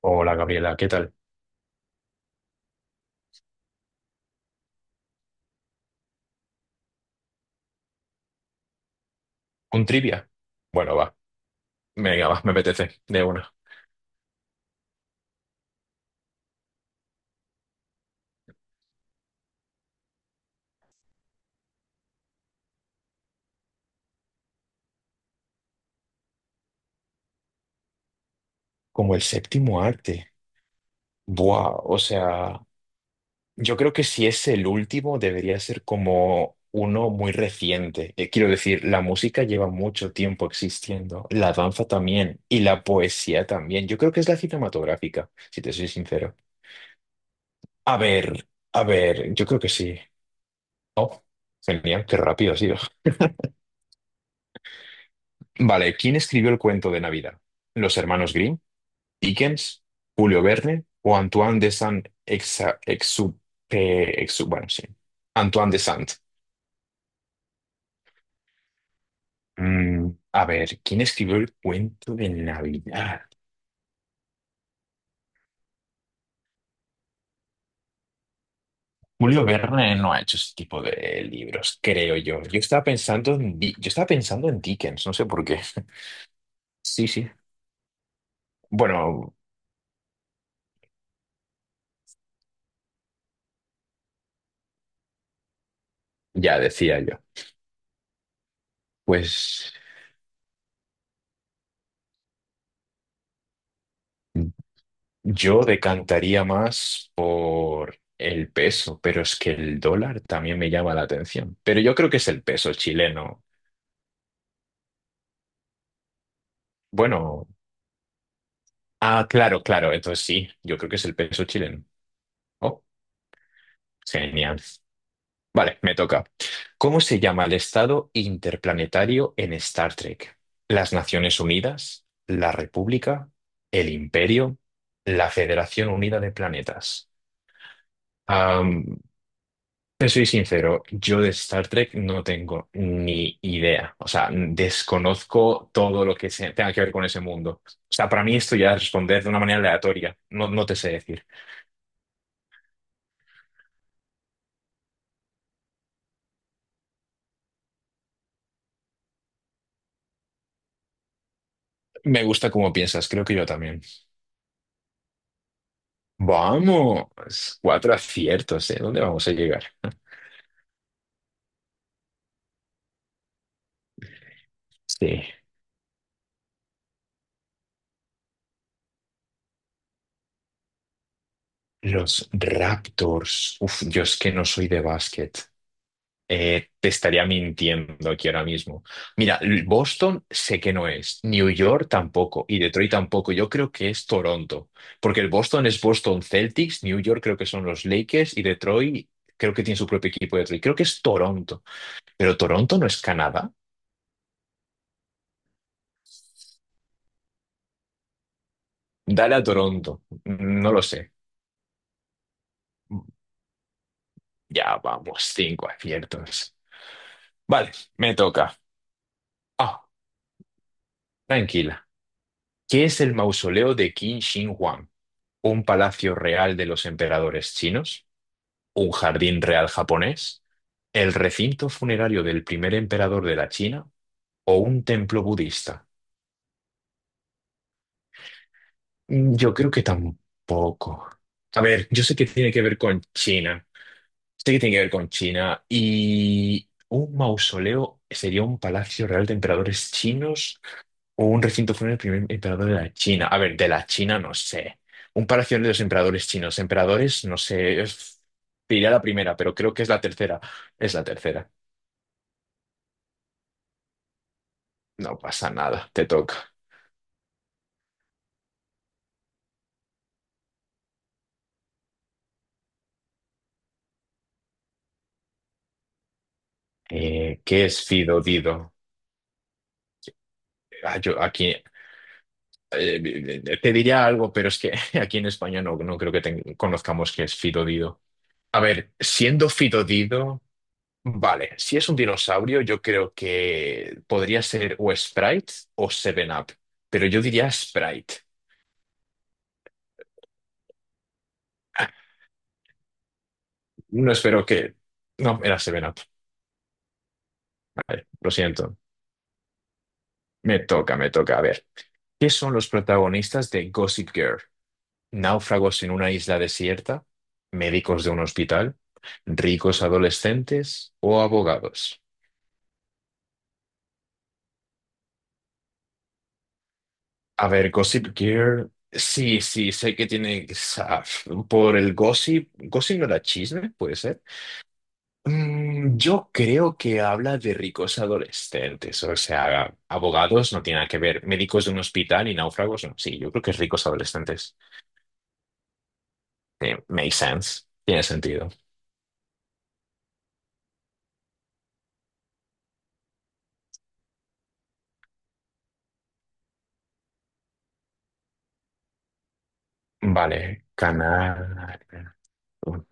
Hola Gabriela, ¿qué tal? ¿Un trivia? Bueno, va. Venga, va, me apetece, de una. Como el séptimo arte. Buah, o sea, yo creo que si es el último, debería ser como uno muy reciente. Quiero decir, la música lleva mucho tiempo existiendo, la danza también, y la poesía también. Yo creo que es la cinematográfica, si te soy sincero. A ver, a ver, yo creo que sí. Oh, genial, qué rápido ha sido. Vale, ¿quién escribió el cuento de Navidad? ¿Los hermanos Grimm? Dickens, Julio Verne o Antoine de saint Exa- Exupe- Exu Bueno, sí. Antoine de Saint. A ver, ¿quién escribió el cuento de Navidad? Julio Verne no ha hecho ese tipo de libros, creo yo. Yo estaba pensando en, Di- Yo estaba pensando en Dickens, no sé por qué. Sí, sí. Bueno, ya decía yo. Pues. Yo decantaría más por el peso, pero es que el dólar también me llama la atención. Pero yo creo que es el peso chileno. Bueno, claro, entonces sí, yo creo que es el peso chileno. Oh, genial. Vale, me toca. ¿Cómo se llama el estado interplanetario en Star Trek? ¿Las Naciones Unidas? ¿La República? ¿El Imperio? ¿La Federación Unida de Planetas? Te soy sincero, yo de Star Trek no tengo ni idea. O sea, desconozco todo lo tenga que ver con ese mundo. O sea, para mí esto ya es responder de una manera aleatoria. No te sé decir. Me gusta cómo piensas, creo que yo también. Vamos, cuatro aciertos, ¿eh? ¿Dónde vamos a llegar? Sí. Los Raptors. Uf, yo es que no soy de básquet. Te estaría mintiendo aquí ahora mismo. Mira, Boston sé que no es, New York tampoco y Detroit tampoco. Yo creo que es Toronto, porque el Boston es Boston Celtics, New York creo que son los Lakers y Detroit creo que tiene su propio equipo de Detroit. Creo que es Toronto, pero Toronto no es Canadá. Dale a Toronto, no lo sé. Ya vamos, cinco aciertos. Vale, me toca. Ah, tranquila. ¿Qué es el mausoleo de Qin Shi Huang? ¿Un palacio real de los emperadores chinos? ¿Un jardín real japonés? ¿El recinto funerario del primer emperador de la China? ¿O un templo budista? Mm, yo creo que tampoco. A ver, yo sé que tiene que ver con China. Sé que tiene que ver con China. Y un mausoleo sería un palacio real de emperadores chinos. O un recinto fue el primer emperador de la China. A ver, de la China no sé. Un palacio de los emperadores chinos. Emperadores, no sé. Te diré la primera, pero creo que es la tercera. Es la tercera. No pasa nada, te toca. ¿Qué es Fido Dido? Ah, yo aquí, te diría algo, pero es que aquí en España no creo que conozcamos qué es Fido Dido. A ver, siendo Fido Dido. Vale, si es un dinosaurio, yo creo que podría ser o Sprite o Seven Up, pero yo diría Sprite. Ah, no espero que... No, era Seven Up. Vale, lo siento. Me toca. A ver, ¿qué son los protagonistas de Gossip Girl? Náufragos en una isla desierta, médicos de un hospital, ricos adolescentes o abogados. A ver, Gossip Girl... Sí, sé que tiene... ah, por el gossip... ¿Gossip no era chisme? ¿Puede ser? Mm, yo creo que habla de ricos adolescentes, o sea, abogados no tiene nada que ver, médicos de un hospital y náufragos, no. Sí, yo creo que es ricos adolescentes. Makes sense, tiene sentido. Vale, canal.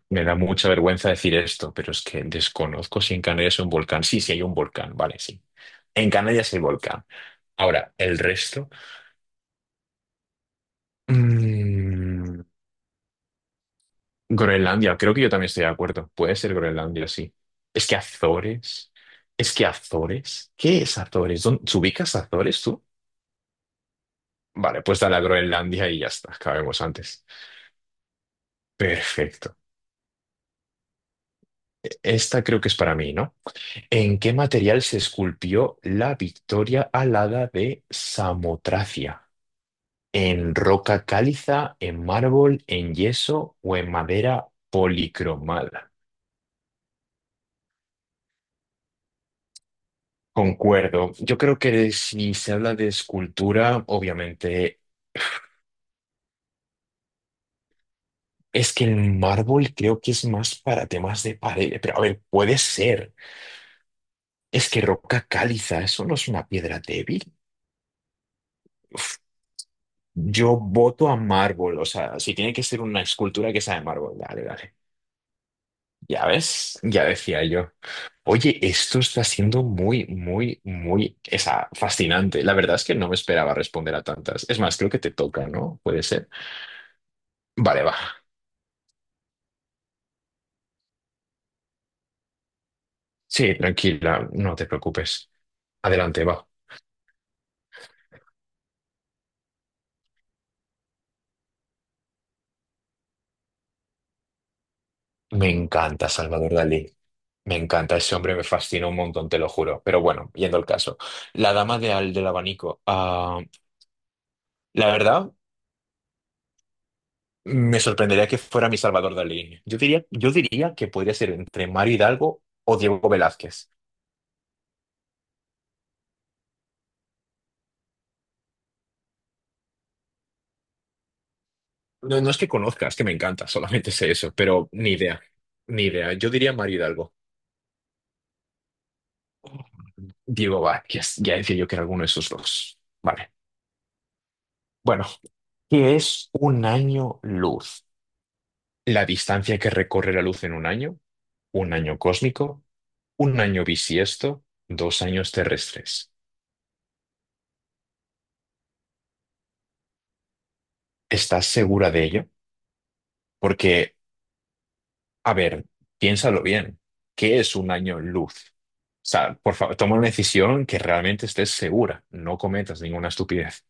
Me da mucha vergüenza decir esto, pero es que desconozco si en Canarias hay un volcán. Sí hay un volcán, vale, sí. En Canarias hay volcán. Ahora, el resto. Mm, Groenlandia, creo que yo también estoy de acuerdo. Puede ser Groenlandia, sí. Es que Azores. Es que Azores. ¿Qué es Azores? ¿Te ubicas Azores tú? Vale, pues dale a Groenlandia y ya está, acabemos antes. Perfecto. Esta creo que es para mí, ¿no? ¿En qué material se esculpió la Victoria alada de Samotracia? ¿En roca cáliza, en mármol, en yeso o en madera policromada? Concuerdo. Yo creo que si se habla de escultura, obviamente, es que el mármol creo que es más para temas de pared. Pero a ver, puede ser. Es que roca cáliza, eso no es una piedra débil. Uf, yo voto a mármol. O sea, si tiene que ser una escultura que sea de mármol, dale. Ya ves, ya decía yo. Oye, esto está siendo muy, muy, muy, esa, fascinante. La verdad es que no me esperaba responder a tantas. Es más, creo que te toca, ¿no? Puede ser. Vale, va. Sí, tranquila, no te preocupes. Adelante, va. Me encanta Salvador Dalí. Me encanta ese hombre, me fascina un montón, te lo juro. Pero bueno, yendo al caso. La dama de al del abanico. Ah, la verdad, me sorprendería que fuera mi Salvador Dalí. Yo diría que podría ser entre Mario Hidalgo o Diego Velázquez. No, no es que conozcas, que me encanta, solamente sé eso, pero ni idea. Ni idea. Yo diría Mario Hidalgo. Diego Velázquez, ya decía yo que era alguno de esos dos. Vale. Bueno. ¿Qué es un año luz? La distancia que recorre la luz en un año cósmico, un año bisiesto, dos años terrestres. ¿Estás segura de ello? Porque, a ver, piénsalo bien. ¿Qué es un año luz? O sea, por favor, toma una decisión que realmente estés segura. No cometas ninguna estupidez.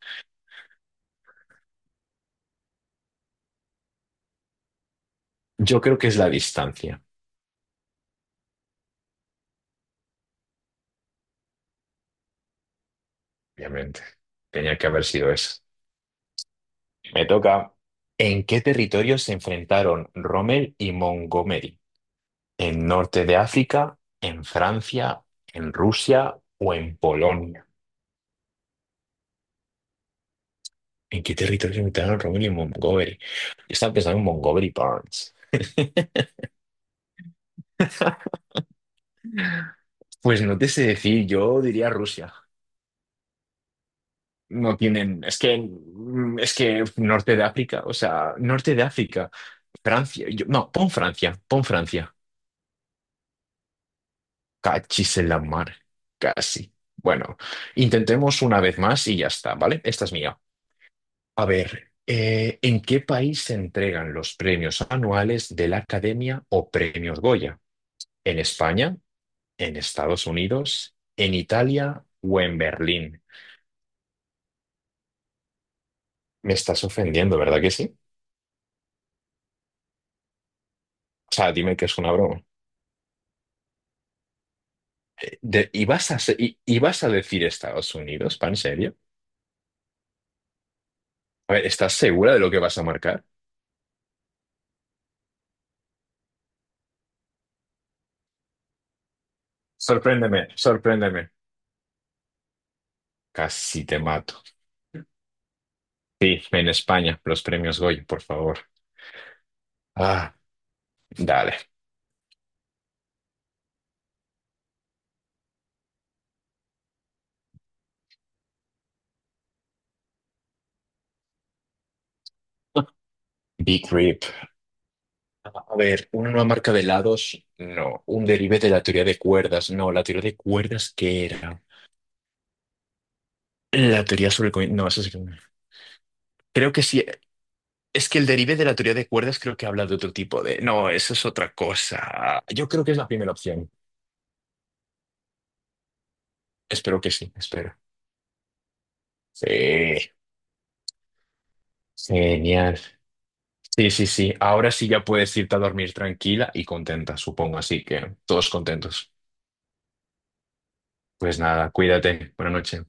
Yo creo que es la distancia, obviamente. Tenía que haber sido eso. Me toca. ¿En qué territorio se enfrentaron Rommel y Montgomery? ¿En norte de África, en Francia, en Rusia o en Polonia? ¿En qué territorio invitaron Rommel y Montgomery? Yo estaba pensando en Montgomery Burns. Pues no te sé decir, yo diría Rusia. No tienen, es que norte de África, o sea, norte de África, Francia, no, pon Francia. Cachis en la mar, casi. Bueno, intentemos una vez más y ya está, ¿vale? Esta es mía. A ver, ¿en qué país se entregan los premios anuales de la Academia o Premios Goya? ¿En España? ¿En Estados Unidos? ¿En Italia o en Berlín? Me estás ofendiendo, ¿verdad que sí? O sea, dime que es una broma. ¿Y vas y vas a decir Estados Unidos, pan serio? A ver, ¿estás segura de lo que vas a marcar? Sorpréndeme. Casi te mato. Sí, en España, los premios Goya, por favor. Ah, dale. Big Rip. A ver, una nueva marca de helados, no. Un derive de la teoría de cuerdas, no. La teoría de cuerdas, ¿qué era? La teoría sobre... No, eso sí que... no. Creo que sí. Es que el derive de la teoría de cuerdas creo que habla de otro tipo de... No, eso es otra cosa. Yo creo que es la primera opción. Espero que sí, espero. Sí, genial. Sí. Ahora sí ya puedes irte a dormir tranquila y contenta, supongo. Así que todos contentos. Pues nada, cuídate. Buenas noches.